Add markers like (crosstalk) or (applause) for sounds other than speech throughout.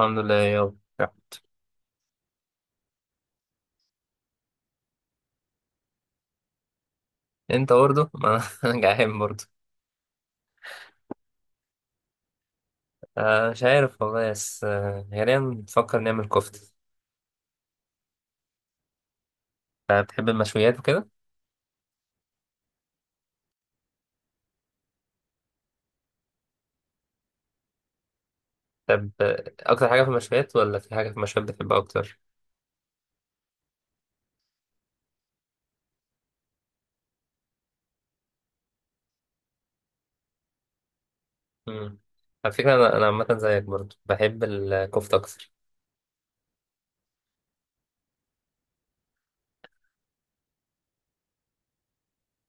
الحمد لله يابا. انت برضه ما (laughs) انا جعان برضه. مش عارف والله. بس غالبا بنفكر نعمل كفتة. آه، بتحب المشويات وكده؟ طب اكتر حاجة في المشويات، ولا في حاجة في المشويات بتحبها اكتر؟ مم. على فكرة انا عامة زيك، برضه بحب الكفتة اكتر.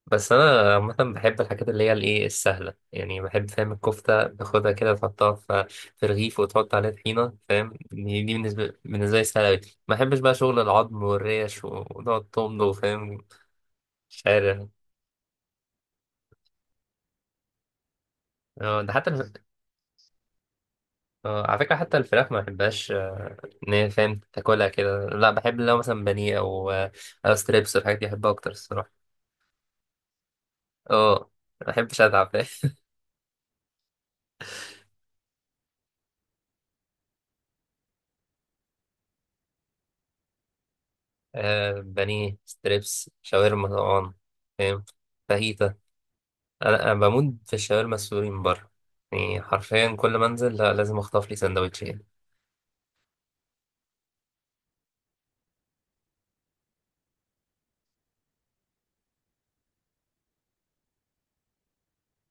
بس انا عامة بحب الحاجات اللي هي الايه السهلة، يعني بحب، فاهم، الكفتة باخدها كده تحطها في رغيف وتحط عليها طحينة، فاهم. دي بالنسبة لي سهلة أوي. ما بحبش بقى شغل العظم والريش ونقعد تمضغ، فاهم. مش عارف. اه ده حتى الف... اه، على فكرة حتى الفراخ ما بحبهاش ان هي، فاهم، تاكلها كده. لا، بحب لو مثلا بانيه او او ستريبس والحاجات دي، بحبها اكتر الصراحة. اه، ما بحبش اتعب، فاهم. (laughs) بانيه، ستريبس، شاورما طبعا، فاهم، فاهيتا. انا بموت في الشاورما السوري من بره. يعني حرفيا كل ما انزل، لا، لازم اخطف لي سندوتشين.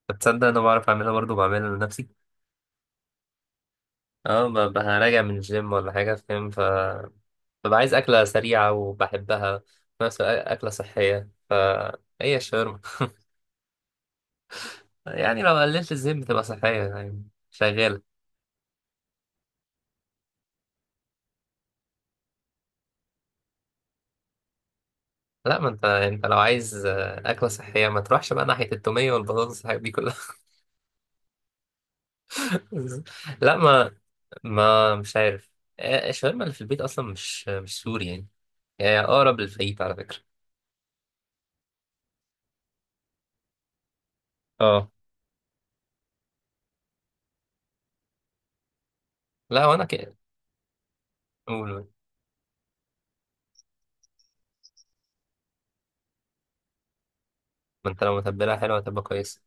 فتصدق انا بعرف اعملها برضه، بعملها لنفسي. اه، راجع من الجيم ولا حاجة، فاهم، ف ببقى عايز أكلة سريعة وبحبها في نفس الوقت أكلة صحية، فهي الشاورما. يعني لو قللت الزيت بتبقى صحية يعني، شغالة. لا، ما انت، انت لو عايز أكلة صحية، ما تروحش بقى ناحية التومية والبطاطس والحاجات دي كلها. (laughs) لا ما ما مش عارف. الشاورما اللي في البيت أصلا مش مش سوري يعني، هي أقرب للفايت على فكرة. اه. لا وأنا كده، قول بقى. ما انت لو متبلها حلوة هتبقى كويسة.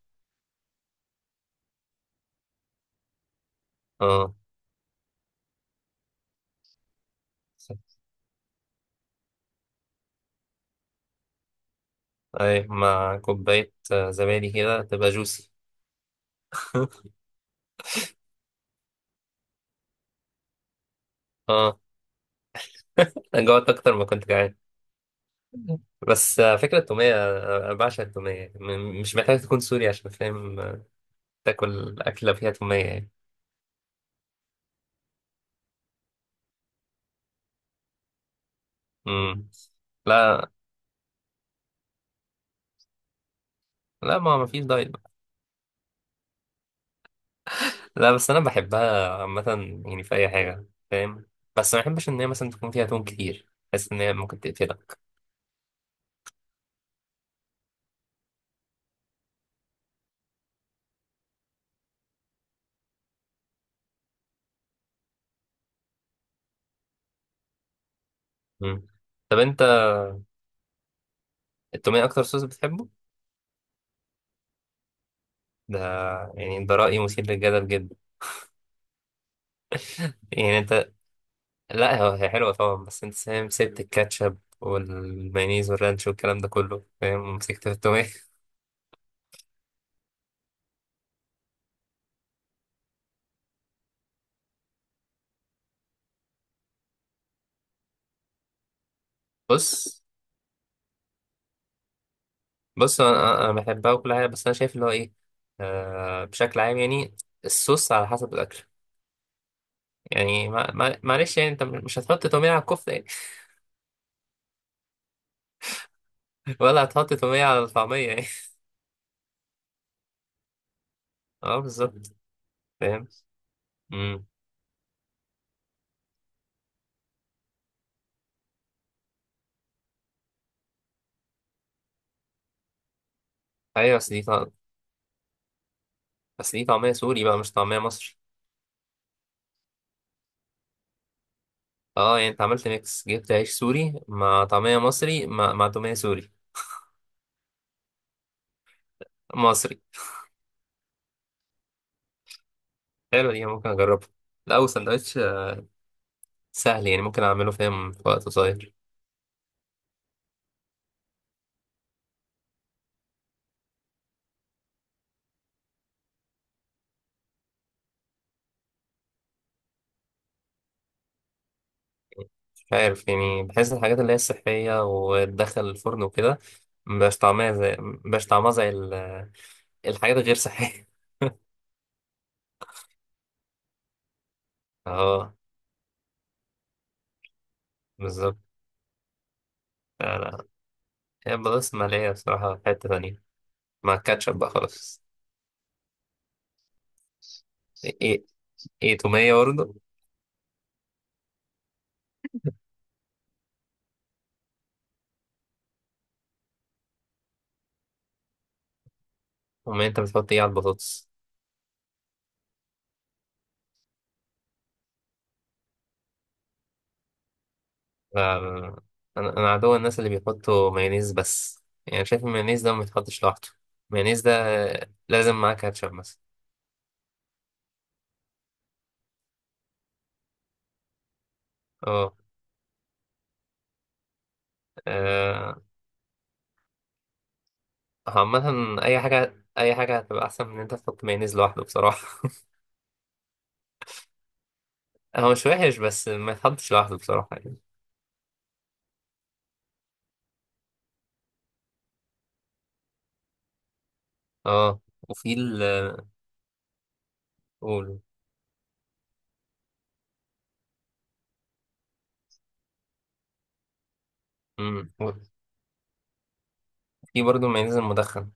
اه، اي مع كوباية زبادي كده، تبقى جوسي. (laughs) اه، جوعت اكتر ما كنت جعان. بس فكرة التومية، أنا بعشق التومية. مش محتاج تكون سوري عشان، فاهم، تاكل أكلة فيها تومية يعني. مم. لا، لا ما ما فيش دايت. لا، بس أنا بحبها عامة، يعني في أي حاجة، فاهم. بس ما بحبش إن هي مثلا تكون فيها توم كتير، بحس إن هي ممكن تقتلك. مم. طب أنت، التومية أكتر صوص بتحبه؟ ده يعني ده رأي مثير للجدل جدا. يعني أنت، لا، هو هي حلوة طبعا، بس انت فاهم سبت الكاتشب والمايونيز والرانش والكلام ده كله، فاهم، ومسكت في التومية. (laughs) بص، بص انا، انا بحبها وكل حاجة، بس انا شايف اللي هو ايه، آه، بشكل عام يعني. الصوص على حسب الاكل. يعني ما معلش، يعني انت مش هتحط تومية على الكفتة يعني. (laughs) ولا هتحط تومية على الطعمية يعني. (laughs) اه بالظبط. فاهم. امم. ايوه، بس دي طعمية سوري بقى، مش طعمية مصري. اه يعني انت عملت ميكس، جبت عيش سوري مع طعمية مصري مع تومية سوري مصري. حلوة دي، ممكن أجربها. لا وسندوتش سهل يعني، ممكن أعمله، فاهم، في وقت قصير. مش عارف يعني، بحس الحاجات اللي هي الصحية وتدخل الفرن وكده مبقاش طعمها زي الحاجات الغير صحية. (laughs) اه بالظبط. لا لا، هي البطاطس المقلية بصراحة في حتة تانية، مع الكاتشب بقى خلاص. ايه ايه، إيه، تومية برضه. تومية، انت بتحط ايه على البطاطس؟ لا لا لا. انا عدو الناس اللي بيحطوا مايونيز بس. يعني شايف المايونيز ده ما يتحطش لوحده. المايونيز ده لازم معاه كاتشب مثلا. اه. آه، عامة اي حاجة، اي حاجة هتبقى احسن من ان انت تحط مايونيز لوحده بصراحة. (laughs) هو مش وحش، بس ما يتحطش لوحده بصراحة يعني. اه، وفي ال، قول. امم. في برضه المايونيز المدخن،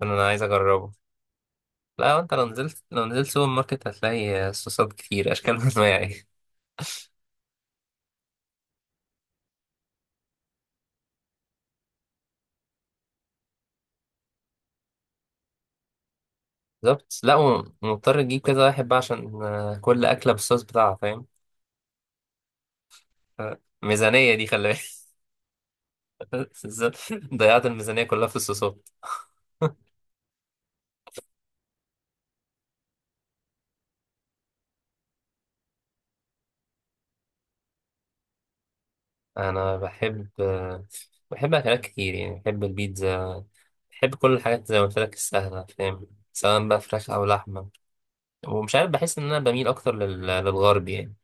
ده انا عايز اجربه. لا، انت لو نزلت، سوبر ماركت، هتلاقي صوصات كتير اشكال (laughs) وانواع. بالظبط، لا هو مضطر تجيب كذا واحد بقى عشان كل أكلة بالصوص بتاعها، فاهم. ميزانية دي خلي بالك. (laughs) بالظبط، ضيعت الميزانية كلها في الصوصات. (laughs) أنا بحب بحب أكلات كتير يعني، بحب البيتزا، بحب كل الحاجات زي ما قلت لك السهلة، فاهم، سواء بقى فراخ أو لحمة. ومش عارف، بحس إن أنا بميل أكتر للغرب يعني.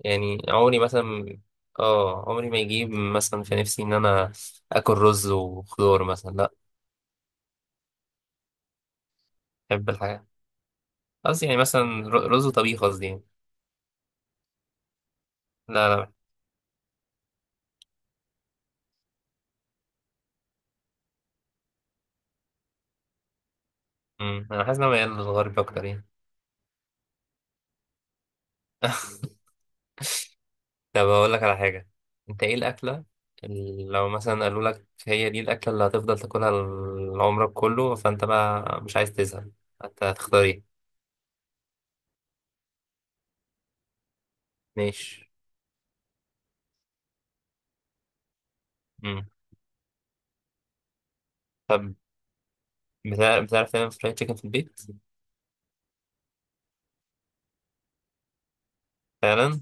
يعني عمري مثلا، اه عمري ما يجيب مثلا في نفسي إن أنا آكل رز وخضار مثلا، لا. بحب الحاجات. قصدي يعني مثلا، رز وطبيخ قصدي يعني. لا لا. مم. انا حاسس ان انا ميال للغرب اكتر يعني. طب اقول لك على حاجه، انت ايه الاكله اللي لو مثلا قالوا لك هي دي الاكله اللي هتفضل تاكلها عمرك كله، فانت بقى مش عايز تزهق، انت هتختار ايه؟ ماشي. مم. طب بتعرف تعمل فرايد تشيكن في البيت؟ فعلا.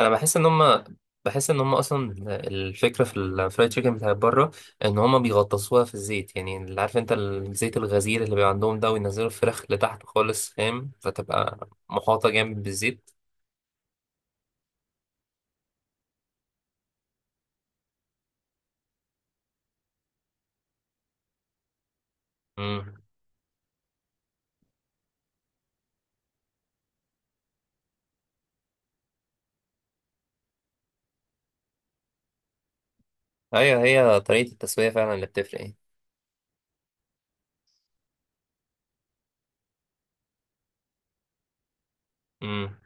انا بحس ان هم اصلا، الفكره في الفرايد تشيكن بتاعت بره، ان هم بيغطسوها في الزيت، يعني اللي عارف انت الزيت الغزير اللي بيبقى عندهم ده، وينزلوا الفراخ لتحت خالص، فاهم، فتبقى محاطه جامد بالزيت. امم. ايوه، هي طريقه التسويه فعلا اللي بتفرق يعني. امم.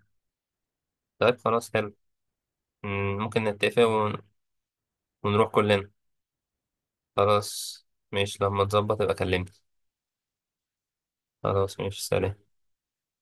طيب خلاص حلو. مم. ممكن نتفق ونروح كلنا. خلاص، ماشي، لما تظبط يبقى كلمني. خلاص، ماشي، سلام.